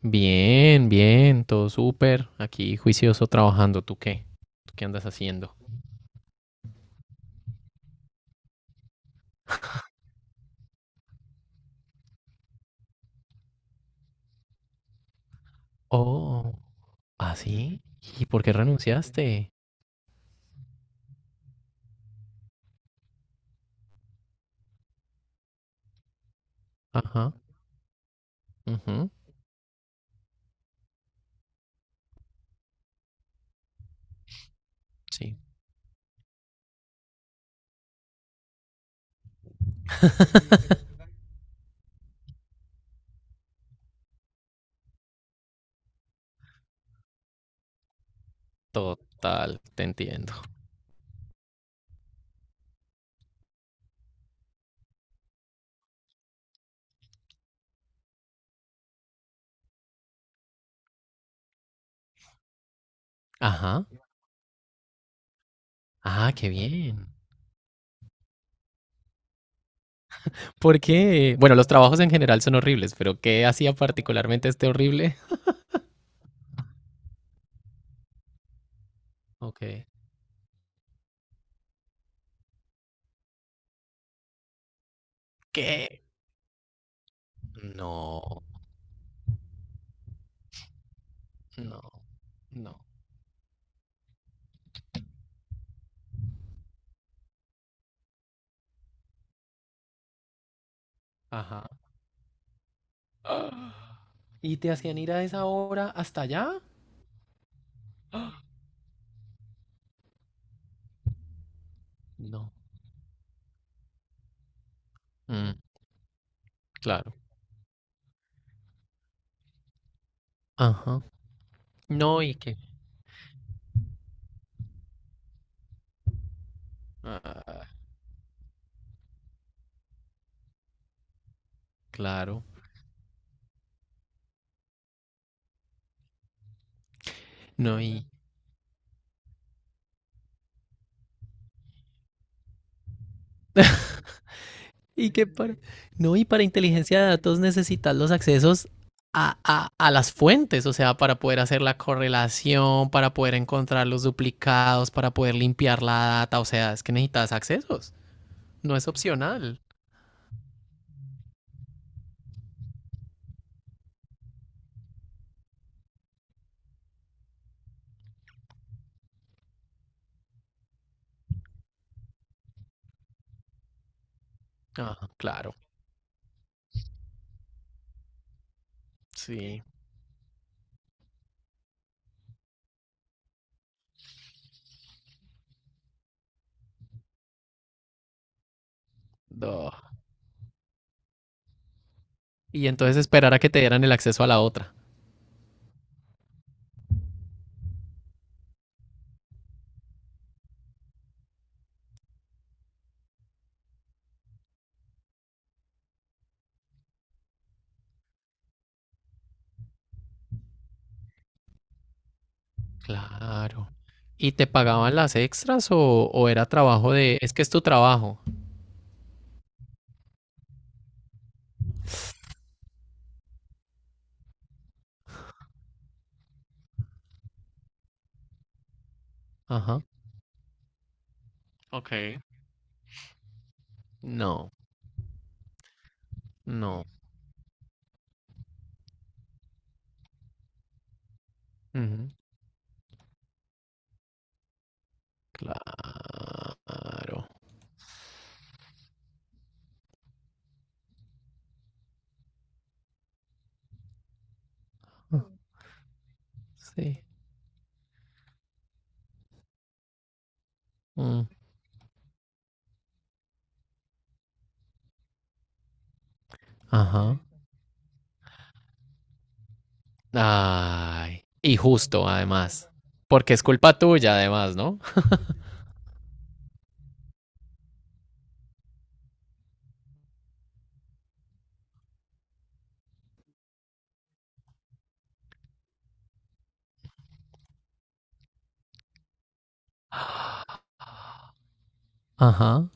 Bien, bien, todo súper. Aquí juicioso trabajando. ¿Tú qué andas haciendo? Oh, ¿ah, sí? ¿Y por qué renunciaste? Ajá, ujú, sí. Total, te entiendo. Ajá. Ah, qué bien. ¿Por qué? Bueno, los trabajos en general son horribles, pero ¿qué hacía particularmente este horrible? Ok. ¿Qué? No, no, no. Ajá. Ah, ¿y te hacían ir a esa hora hasta allá? No. Mm, claro. Ajá. No, y que. Ah, claro. No, y. Y que para. No, y para inteligencia de datos necesitas los accesos a, las fuentes, o sea, para poder hacer la correlación, para poder encontrar los duplicados, para poder limpiar la data. O sea, es que necesitas accesos. No es opcional. Ah, claro. Sí. Duh. Y entonces esperar a que te dieran el acceso a la otra. Claro. ¿Y te pagaban las extras o era trabajo de... Es que es tu trabajo. Ajá. Ok. No, no. Ujú. Claro. Ah. Sí. Mm. Ajá. Ay. Y justo, además. Porque es culpa tuya, además, ¿no? Ajá.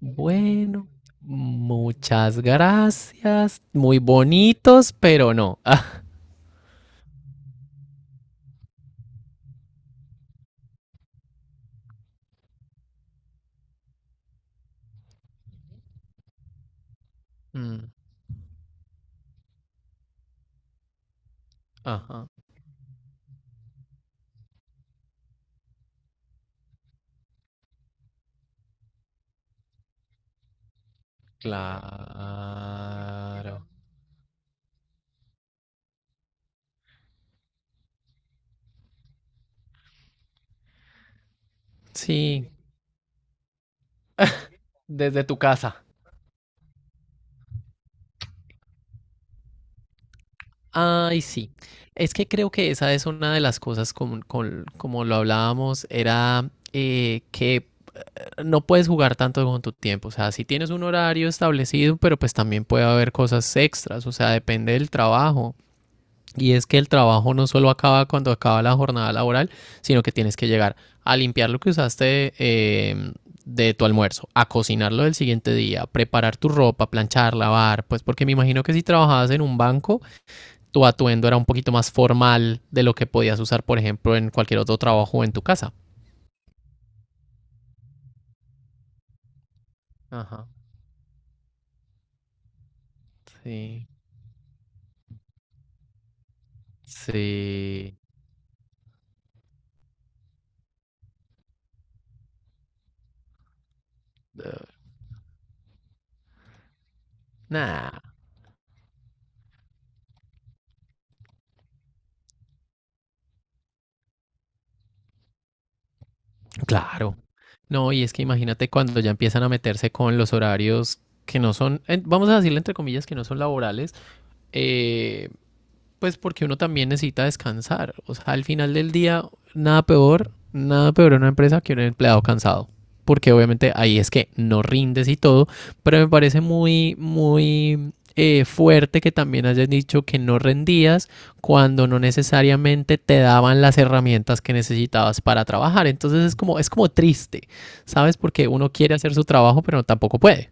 Bueno. Muchas gracias. Muy bonitos, pero no. Ah. Mm. Ajá. Claro. Sí, desde tu casa. Ay, sí. Es que creo que esa es una de las cosas como, como lo hablábamos, era que no puedes jugar tanto con tu tiempo. O sea, si tienes un horario establecido, pero pues también puede haber cosas extras. O sea, depende del trabajo. Y es que el trabajo no solo acaba cuando acaba la jornada laboral, sino que tienes que llegar a limpiar lo que usaste, em, de tu almuerzo, a cocinarlo del siguiente día, preparar tu ropa, planchar, lavar. Pues porque me imagino que si trabajabas en un banco tu atuendo era un poquito más formal de lo que podías usar, por ejemplo, en cualquier otro trabajo o en tu casa. Ajá. Sí. Sí. Nada. Claro. No, y es que imagínate cuando ya empiezan a meterse con los horarios que no son, vamos a decirle entre comillas, que no son laborales, eh, pues porque uno también necesita descansar. O sea, al final del día, nada peor, nada peor en una empresa que un empleado cansado. Porque obviamente ahí es que no rindes y todo, pero me parece muy, muy fuerte que también hayas dicho que no rendías cuando no necesariamente te daban las herramientas que necesitabas para trabajar. Entonces es como triste, ¿sabes? Porque uno quiere hacer su trabajo, pero tampoco puede.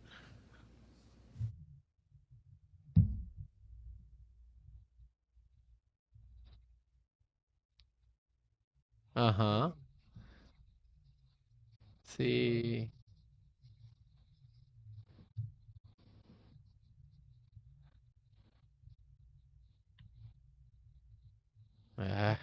Ajá, sí. Ah,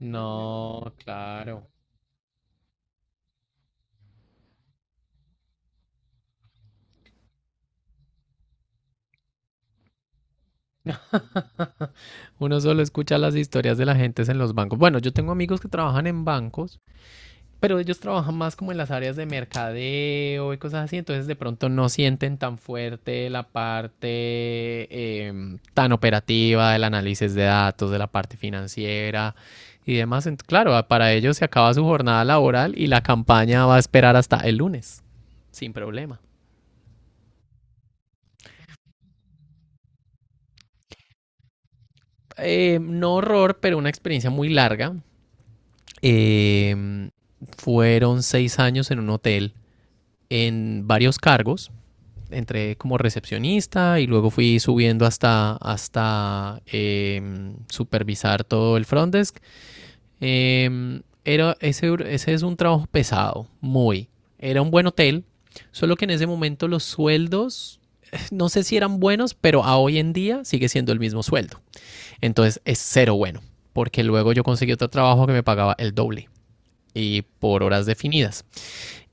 no, claro. Uno solo escucha las historias de la gente en los bancos. Bueno, yo tengo amigos que trabajan en bancos, pero ellos trabajan más como en las áreas de mercadeo y cosas así, entonces de pronto no sienten tan fuerte la parte tan operativa del análisis de datos, de la parte financiera y demás. Claro, para ellos se acaba su jornada laboral y la campaña va a esperar hasta el lunes, sin problema. No horror, pero una experiencia muy larga. Eh, Fueron 6 años en un hotel en varios cargos. Entré como recepcionista y luego fui subiendo hasta supervisar todo el front desk. Ese es un trabajo pesado, muy. Era un buen hotel, solo que en ese momento los sueldos, no sé si eran buenos, pero a hoy en día sigue siendo el mismo sueldo. Entonces es cero bueno, porque luego yo conseguí otro trabajo que me pagaba el doble y por horas definidas.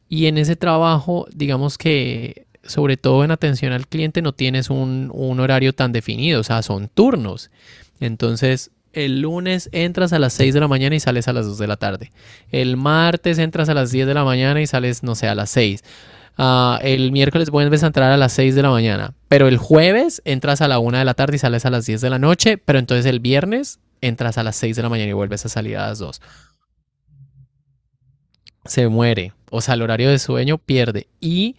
Y en ese trabajo, digamos que sobre todo en atención al cliente no tienes un horario tan definido, o sea, son turnos. Entonces, el lunes entras a las 6 de la mañana y sales a las 2 de la tarde. El martes entras a las 10 de la mañana y sales, no sé, a las 6. El miércoles vuelves a entrar a las 6 de la mañana. Pero el jueves entras a la 1 de la tarde y sales a las 10 de la noche. Pero entonces el viernes entras a las 6 de la mañana y vuelves a salir a las 2. Se muere, o sea, el horario de sueño pierde. Y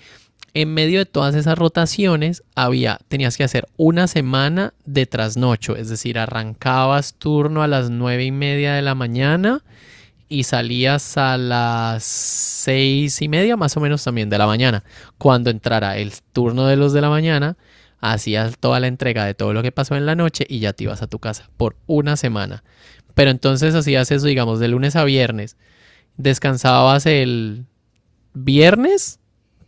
en medio de todas esas rotaciones había, tenías que hacer una semana de trasnocho, es decir, arrancabas turno a las 9:30 de la mañana y salías a las 6:30 más o menos también de la mañana. Cuando entrara el turno de los de la mañana, hacías toda la entrega de todo lo que pasó en la noche y ya te ibas a tu casa por una semana. Pero entonces hacías eso, digamos, de lunes a viernes. Descansabas el viernes,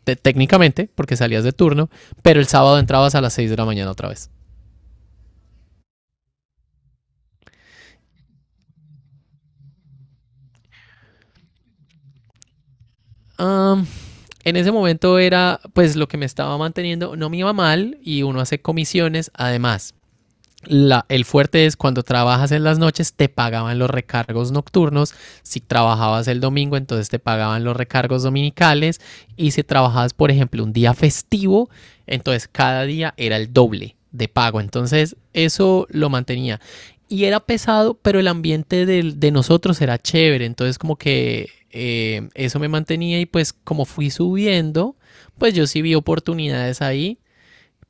técnicamente, porque salías de turno, pero el sábado entrabas a las 6 de la mañana otra vez. Am, en ese momento era pues lo que me estaba manteniendo, no me iba mal y uno hace comisiones además. El fuerte es cuando trabajas en las noches, te pagaban los recargos nocturnos. Si trabajabas el domingo, entonces te pagaban los recargos dominicales. Y si trabajabas, por ejemplo, un día festivo, entonces cada día era el doble de pago. Entonces eso lo mantenía. Y era pesado, pero el ambiente de nosotros era chévere. Entonces como que eso me mantenía y pues como fui subiendo, pues yo sí vi oportunidades ahí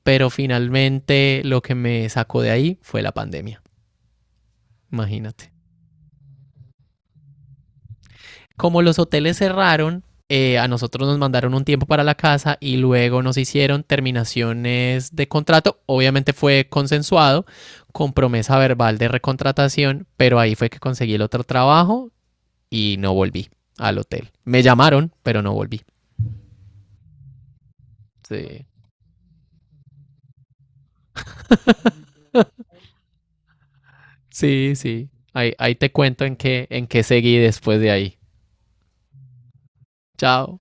pero finalmente lo que me sacó de ahí fue la pandemia, imagínate. Como los hoteles cerraron, a nosotros nos mandaron un tiempo para la casa y luego nos hicieron terminaciones de contrato. Obviamente fue consensuado con promesa verbal de recontratación, pero ahí fue que conseguí el otro trabajo y no volví al hotel. Me llamaron, pero no volví. Sí, sí, sí. Ahí te cuento en qué seguí después de ahí. Chao.